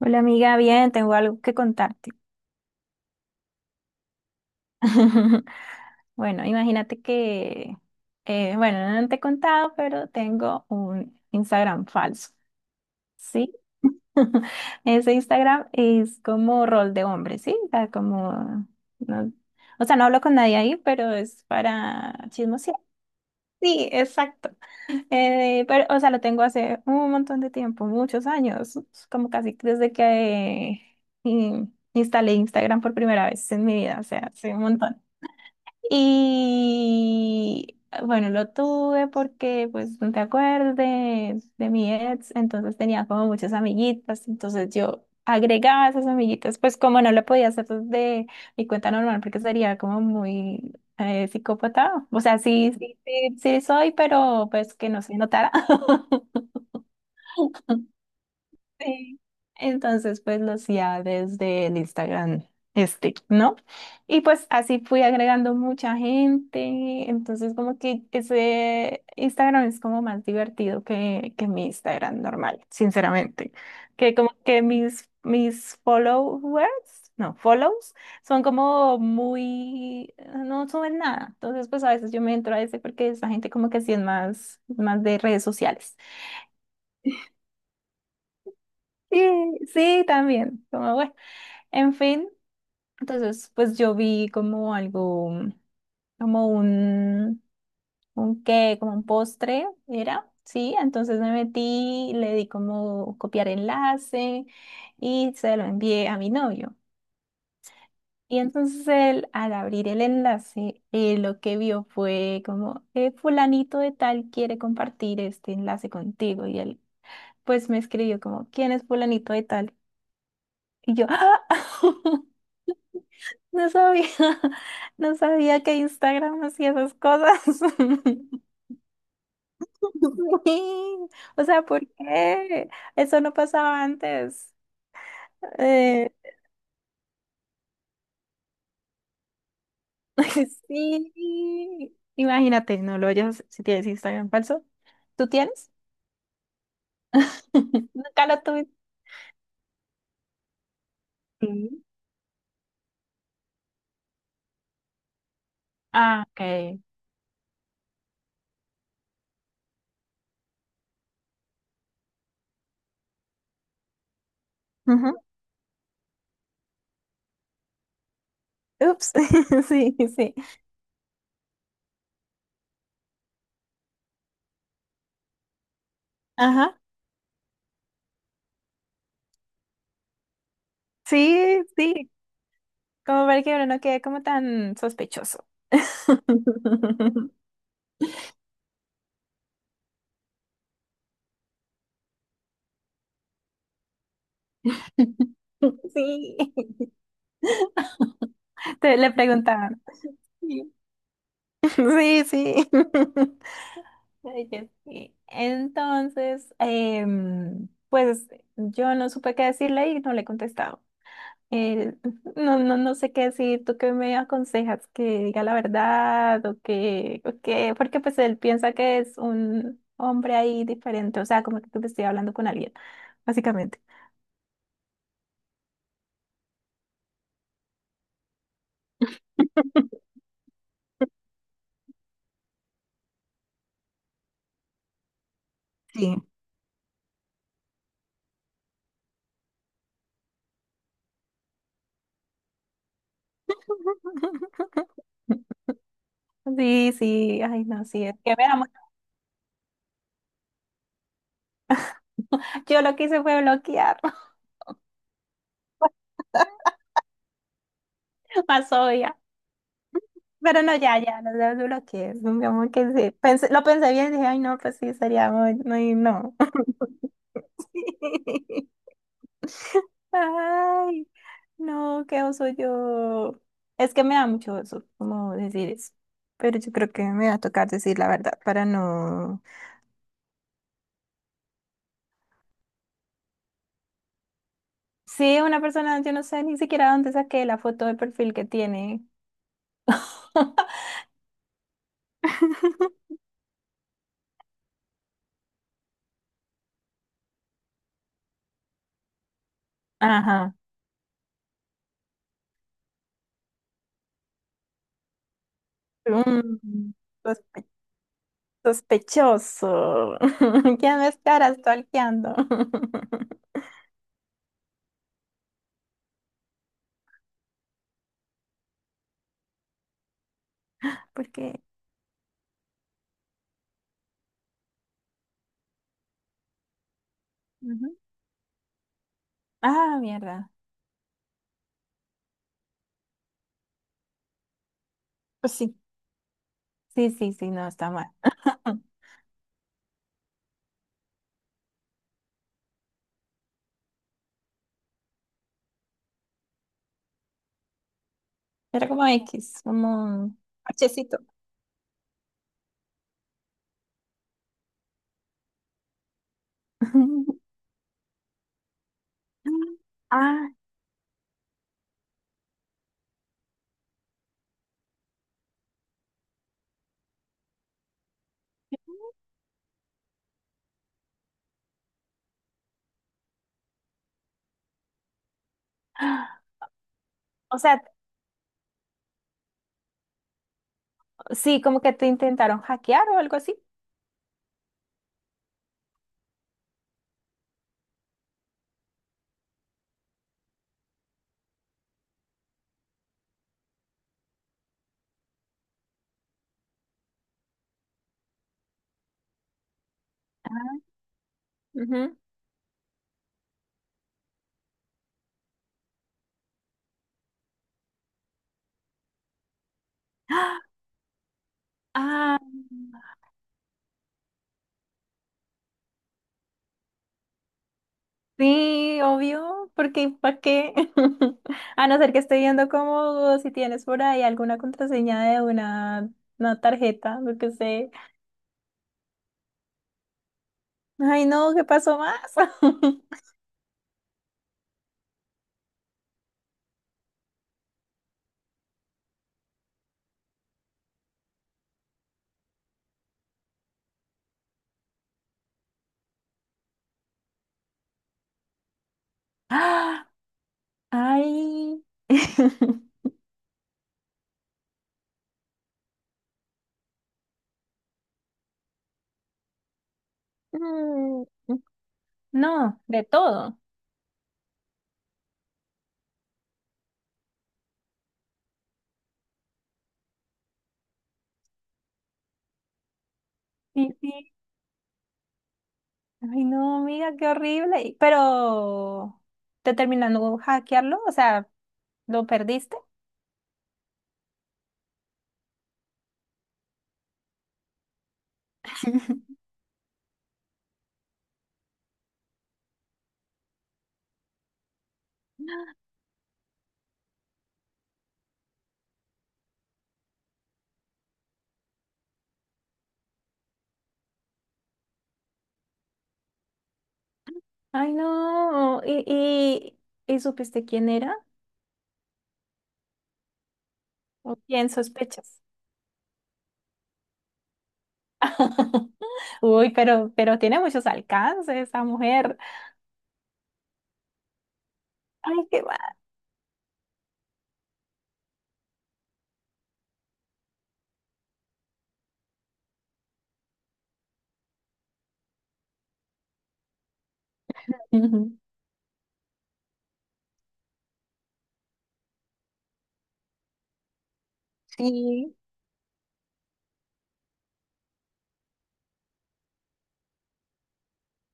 Hola amiga, bien, tengo algo que contarte. Bueno, imagínate que, bueno, no te he contado, pero tengo un Instagram falso, ¿sí? Ese Instagram es como rol de hombre, ¿sí? O sea, como, no- o sea, no hablo con nadie ahí, pero es para chismosear. Sí, exacto. Pero, o sea, lo tengo hace un montón de tiempo, muchos años, como casi desde que instalé Instagram por primera vez en mi vida, o sea, hace un montón. Y bueno, lo tuve porque, pues, no te acuerdas de mi ex, entonces tenía como muchas amiguitas, entonces yo agregaba esas amiguitas, pues como no lo podía hacer desde mi cuenta normal, porque sería como muy psicópata, o sea, sí, sí, sí, sí soy, pero pues que no se notara. Sí. Entonces, pues lo hacía desde el Instagram este, ¿no? Y pues así fui agregando mucha gente. Entonces, como que ese Instagram es como más divertido que mi Instagram normal, sinceramente. Que como que mis followers, no, follows, son como muy, no suben nada. Entonces, pues a veces yo me entro a ese porque esa gente como que sí es más, más de redes sociales. Sí, sí, también. Como, bueno. En fin, entonces pues yo vi como algo, como un qué, como un postre, era, sí, entonces me metí, le di como copiar enlace y se lo envié a mi novio. Y entonces él, al abrir el enlace, lo que vio fue como, fulanito de tal quiere compartir este enlace contigo. Y él pues me escribió como, ¿quién es fulanito de tal? Y yo, ¡ah! No sabía, no sabía que Instagram hacía esas cosas. Sí. O sea, ¿por qué? Eso no pasaba antes. Eh, sí. Imagínate, no lo oyes si tienes Instagram falso. ¿Tú tienes? Nunca lo tuve. Sí. Ah, ok. Ujú. Ups. Sí, sí. Ajá. Sí, sí. Como para que uno no quede como tan sospechoso. Sí. Te le preguntaban. Sí, sí, sí. Ay, yo sí. Entonces, pues yo no supe qué decirle y no le he contestado. Eh, no, no, no sé qué decir. ¿Tú qué me aconsejas? ¿Que diga la verdad o que- Porque pues él piensa que es un hombre ahí diferente, o sea, como que estoy hablando con alguien, básicamente. Sí. Sí, sí, ay, no, sí, es que veamos. Yo lo que hice fue bloquear. Más obvia. Pero no, ya, ya, lo desbloqueé. Digamos que sí. Pensé- lo pensé bien y dije, ay, no, pues sí, sería muy, muy, no. Ay, no, qué oso yo. Es que me da mucho oso como decir eso. Pero yo creo que me va a tocar decir la verdad para no. Sí, una persona, yo no sé ni siquiera dónde saqué la foto de perfil que tiene. Ajá. Mm. Sospechoso. ¿Quién me estará stalkeando? Porque. Ujú. Ah, mierda. Pues sí. Sí, sí, sí, no, está mal. Era como X, como un hachecito. Ah. Ah, o sea, sí, como que te intentaron hackear o algo así. Ujú. Ah, sí, obvio, porque ¿para qué? A no ser que esté viendo como si tienes por ahí alguna contraseña de una tarjeta, lo que sé. Ay, no, ¿qué pasó más? Ah. Ay. Mm. No, de todo. Sí, sí. Ay, no, amiga, qué horrible. Y- pero, ¿te terminando hackearlo? O sea, ¿lo perdiste? Ay, no. Y supiste quién era? ¿O quién sospechas? Uy, pero tiene muchos alcances esa mujer. Ay, qué mal. Ujú. Sí,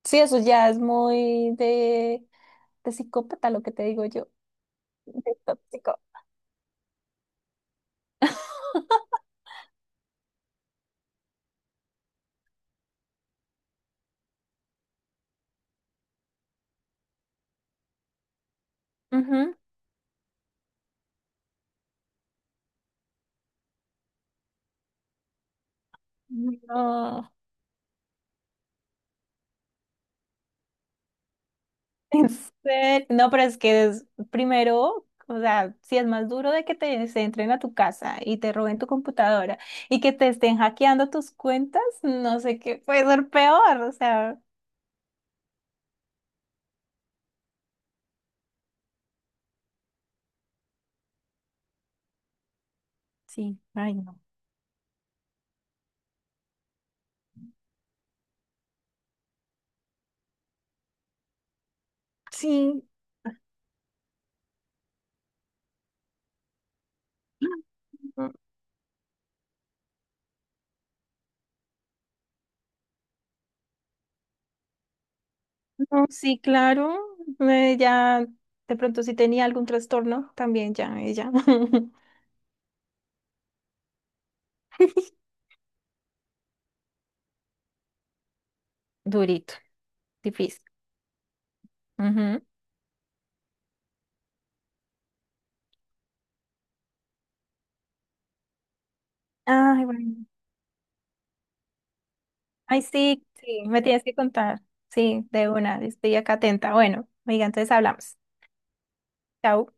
sí, eso ya es muy de psicópata lo que te digo yo, de tóxico. Ujú. No, en serio. No, pero es que es- primero, o sea, si es más duro de que te se entren a tu casa y te roben tu computadora y que te estén hackeando tus cuentas, no sé qué puede ser peor, o sea, sí, ay no. Sí, no, no, sí, claro, ya de pronto si tenía algún trastorno, también ya, ella. Durito, difícil. Ujú. Ay, bueno. Ay, sí, sí, me tienes que contar. Sí, de una, estoy acá atenta. Bueno, oiga, entonces hablamos. Chao.